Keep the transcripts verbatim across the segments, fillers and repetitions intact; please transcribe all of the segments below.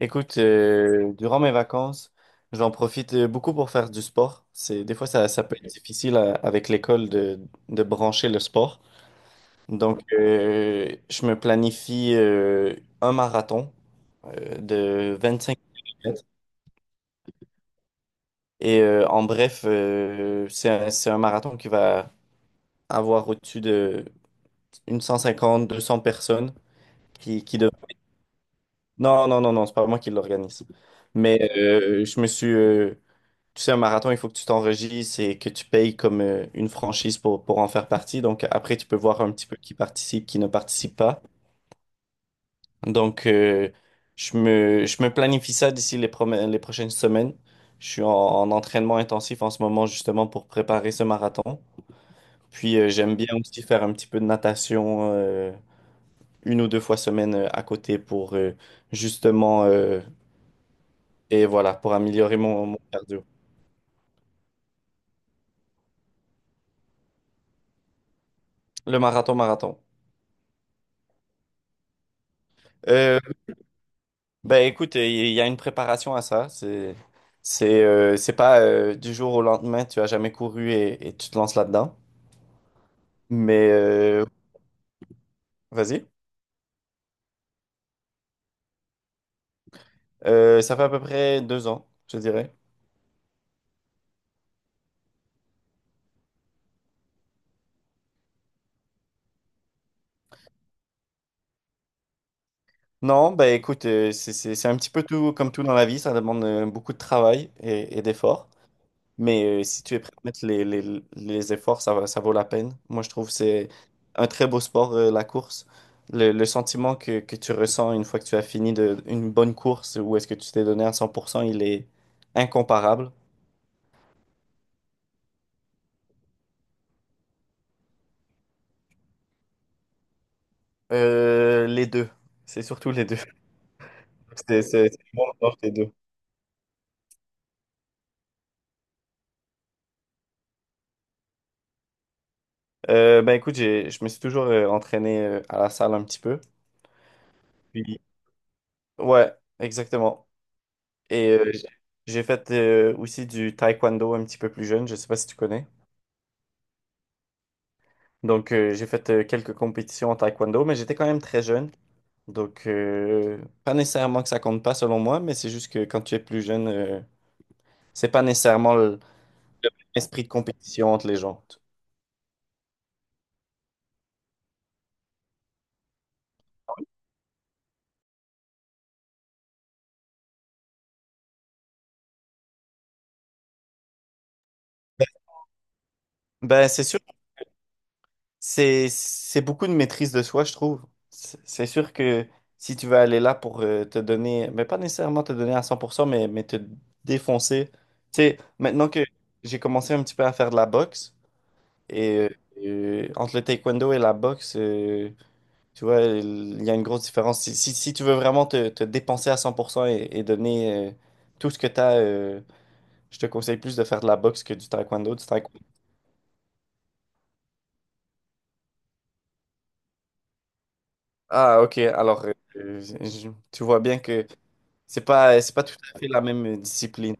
Écoute, euh, durant mes vacances, j'en profite, euh, beaucoup pour faire du sport. C'est des fois, ça, ça peut être difficile à- avec l'école de, de brancher le sport. Donc, euh, je me planifie, euh, un marathon, euh, de vingt-cinq kilomètres. Et, euh, en bref, euh, c'est un, c'est un marathon qui va avoir au-dessus de une cent cinquante, deux cents personnes qui, qui dev- Non, non, non, non, c'est pas moi qui l'organise. Mais, euh, je me suis... euh, tu sais, un marathon, il faut que tu t'enregistres et que tu payes comme, euh, une franchise pour, pour en faire partie. Donc après, tu peux voir un petit peu qui participe, qui ne participe pas. Donc, euh, je me, je me planifie ça d'ici les, prom- les prochaines semaines. Je suis en, en entraînement intensif en ce moment, justement pour préparer ce marathon. Puis, euh, j'aime bien aussi faire un petit peu de natation, euh, une ou deux fois semaine, euh, à côté pour, euh, justement, euh, et voilà, pour améliorer mon, mon cardio. Le marathon, marathon. Euh, Ben écoute, euh, il y a une préparation à ça. C'est c'est euh, c'est pas, euh, du jour au lendemain, tu as jamais couru et, et tu te lances là-dedans. Mais, euh, vas-y. Euh, ça fait à peu près deux ans, je dirais. Non, ben écoute, euh, c'est c'est- c'est un petit peu tout comme tout dans la vie. Ça demande, euh, beaucoup de travail et, et d'efforts. Mais, euh, si tu es prêt à mettre les, les- les efforts, ça, va- ça vaut la peine. Moi, je trouve que c'est un très beau sport, euh, la course. Le, le sentiment que, que tu ressens une fois que tu as fini de, une bonne course ou est-ce que tu t'es donné à cent pour cent, il est incomparable. Euh, les deux. C'est surtout les deux. C'est c'est- c'est bon dans les deux. Euh, ben écoute, j'ai, je me suis toujours, euh, entraîné, euh, à la salle un petit peu. Puis- Ouais, exactement. Et, euh, j'ai j'ai fait, euh, aussi du taekwondo un petit peu plus jeune. Je sais pas si tu connais. Donc, euh, j'ai fait, euh, quelques compétitions en taekwondo, mais j'étais quand même très jeune. Donc, euh, pas nécessairement que ça compte pas selon moi, mais c'est juste que quand tu es plus jeune, euh, c'est pas nécessairement l'esprit de compétition entre les gens. Ben, c'est sûr, c'est c'est beaucoup de maîtrise de soi, je trouve. C'est c'est sûr que si tu veux aller là pour, euh, te donner, mais pas nécessairement te donner à cent pour cent, mais, mais te défoncer. Tu sais, maintenant que j'ai commencé un petit peu à faire de la boxe, et euh, euh, entre le taekwondo et la boxe, euh, tu vois, il y a une grosse différence. Si, si, si tu veux vraiment te, te dépenser à cent pour cent et, et donner, euh, tout ce que tu as, je te conseille plus de faire de la boxe que du taekwondo. Du taekwondo. Ah, ok. Alors, euh, je- je- tu vois bien que c'est pas, c'est pas tout à fait la même discipline.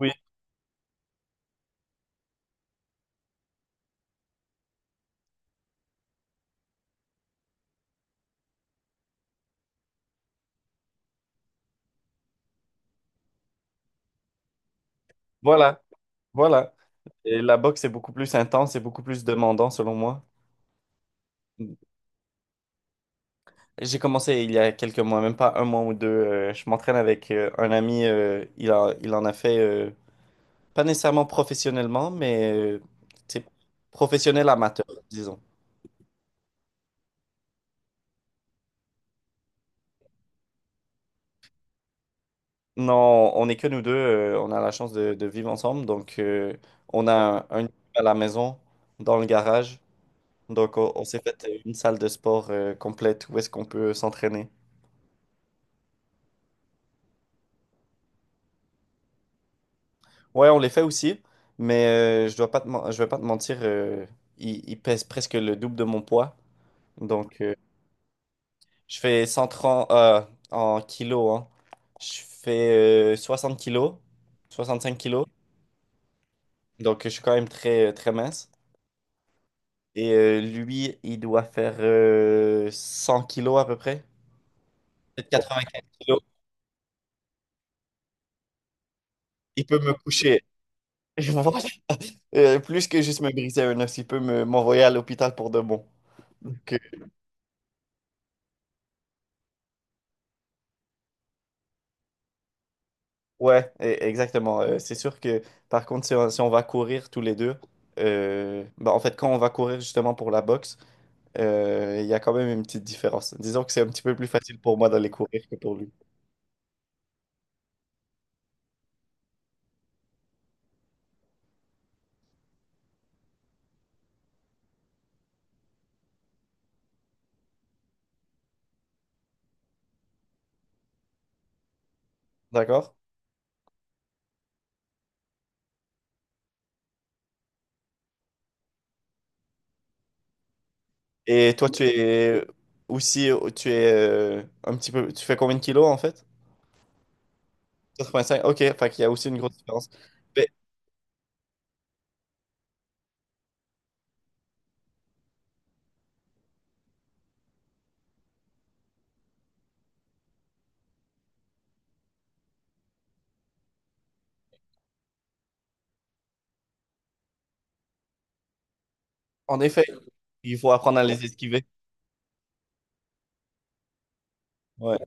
Oui, voilà, voilà. Et la boxe est beaucoup plus intense et beaucoup plus demandant, selon moi. J'ai commencé il y a quelques mois, même pas un mois ou deux. Euh, je m'entraîne avec, euh, un ami. Euh, il a, il en a fait. euh, Pas nécessairement professionnellement, mais, euh, c'est professionnel amateur, disons. Non, on est que nous deux, euh, on a la chance de, de vivre ensemble, donc, euh, on a un, un à la maison, dans le garage, donc on, on s'est fait une salle de sport, euh, complète où est-ce qu'on peut s'entraîner. Ouais, on les fait aussi, mais, euh, je dois pas te men- je vais pas te mentir, euh, ils, ils pèsent presque le double de mon poids, donc, euh, je fais cent trente, euh, en kilos. Hein. Je fais, euh, soixante kilos, cinq kilos. Donc, je suis quand même très, euh, très mince. Et, euh, lui, il doit faire, euh, cent kilos à peu près. Peut-être quatre-vingt-quinze kilos. Il peut me coucher. Je vois. Euh, plus que juste me briser un os, il peut me, m'envoyer à l'hôpital pour de bon. Donc, euh, ouais, e- exactement. Euh, c'est sûr que, par contre, si on, si on va courir tous les deux, euh, bah, en fait, quand on va courir justement pour la boxe, euh, il y a quand même une petite différence. Disons que c'est un petit peu plus facile pour moi d'aller courir que pour lui. D'accord? Et toi, tu es aussi, tu es, euh, un petit peu, tu fais combien de kilos en fait? Quatre cinq, ok, fait qu'il y a aussi une grosse différence. Mais en effet, il faut apprendre à les esquiver. Ouais.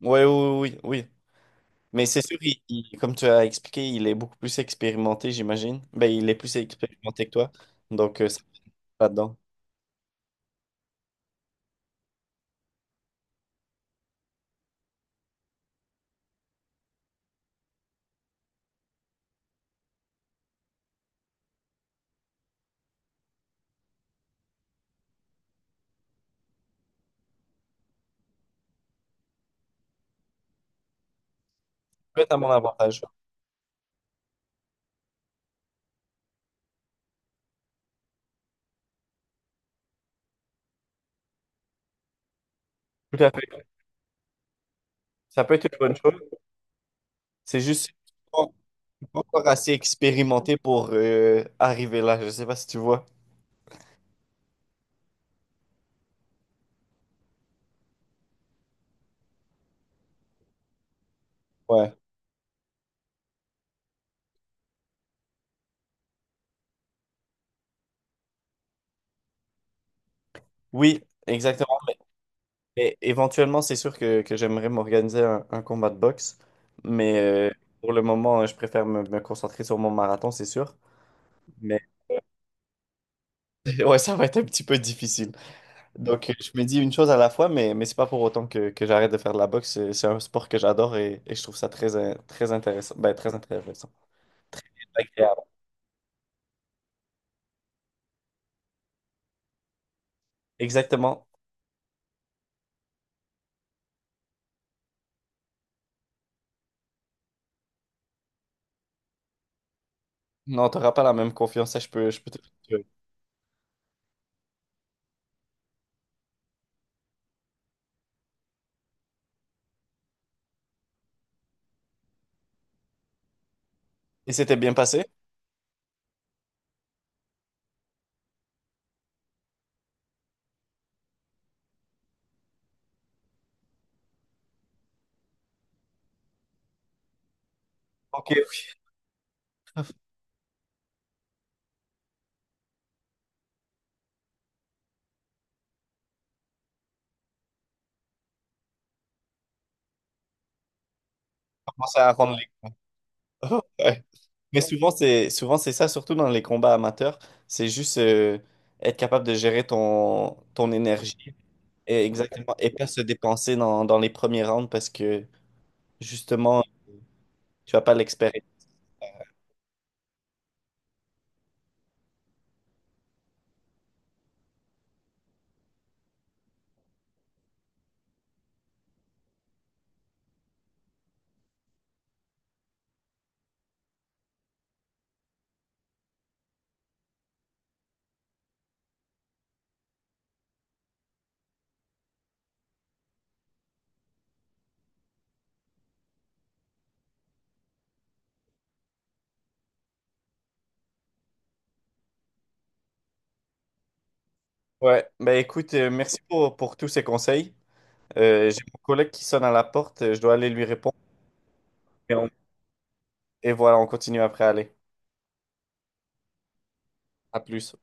Ouais, oui, oui, oui. Mais c'est sûr, il- il- comme tu as expliqué, il est beaucoup plus expérimenté, j'imagine. Ben, il est plus expérimenté que toi. Donc, euh, ça pas dedans. Ça peut être à mon avantage. Tout à fait. Ça peut être une bonne chose. C'est juste. Pas encore assez expérimenté pour, euh, arriver là. Je sais pas si tu vois. Ouais. Oui, exactement. Mais éventuellement, c'est sûr que, que j'aimerais m'organiser un, un combat de boxe. Mais, euh, pour le moment, euh, je préfère me, me concentrer sur mon marathon, c'est sûr. Mais ouais, ça va être un petit peu difficile. Donc, euh, je me dis une chose à la fois, mais, mais c'est pas pour autant que, que j'arrête de faire de la boxe. C'est c'est un sport que j'adore et, et je trouve ça très, in- très intéressant. Ben, très intéressant. Agréable. Exactement. Non, t'auras pas la même confiance, ça, je peux, je peux te le dire. Et c'était bien passé? Ok, faut commencer à rendre les... Ouais. Mais souvent, c'est souvent c'est ça, surtout dans les combats amateurs. C'est juste, euh, être capable de gérer ton, ton énergie et, exactement, et pas se dépenser dans, dans les premiers rounds parce que justement, tu vas pas l'expérimenter. Ouais, ben écoute, euh, merci pour, pour tous ces conseils. Euh, j'ai mon collègue qui sonne à la porte, euh, je dois aller lui répondre. Et, on- et voilà, on continue après, allez. À plus.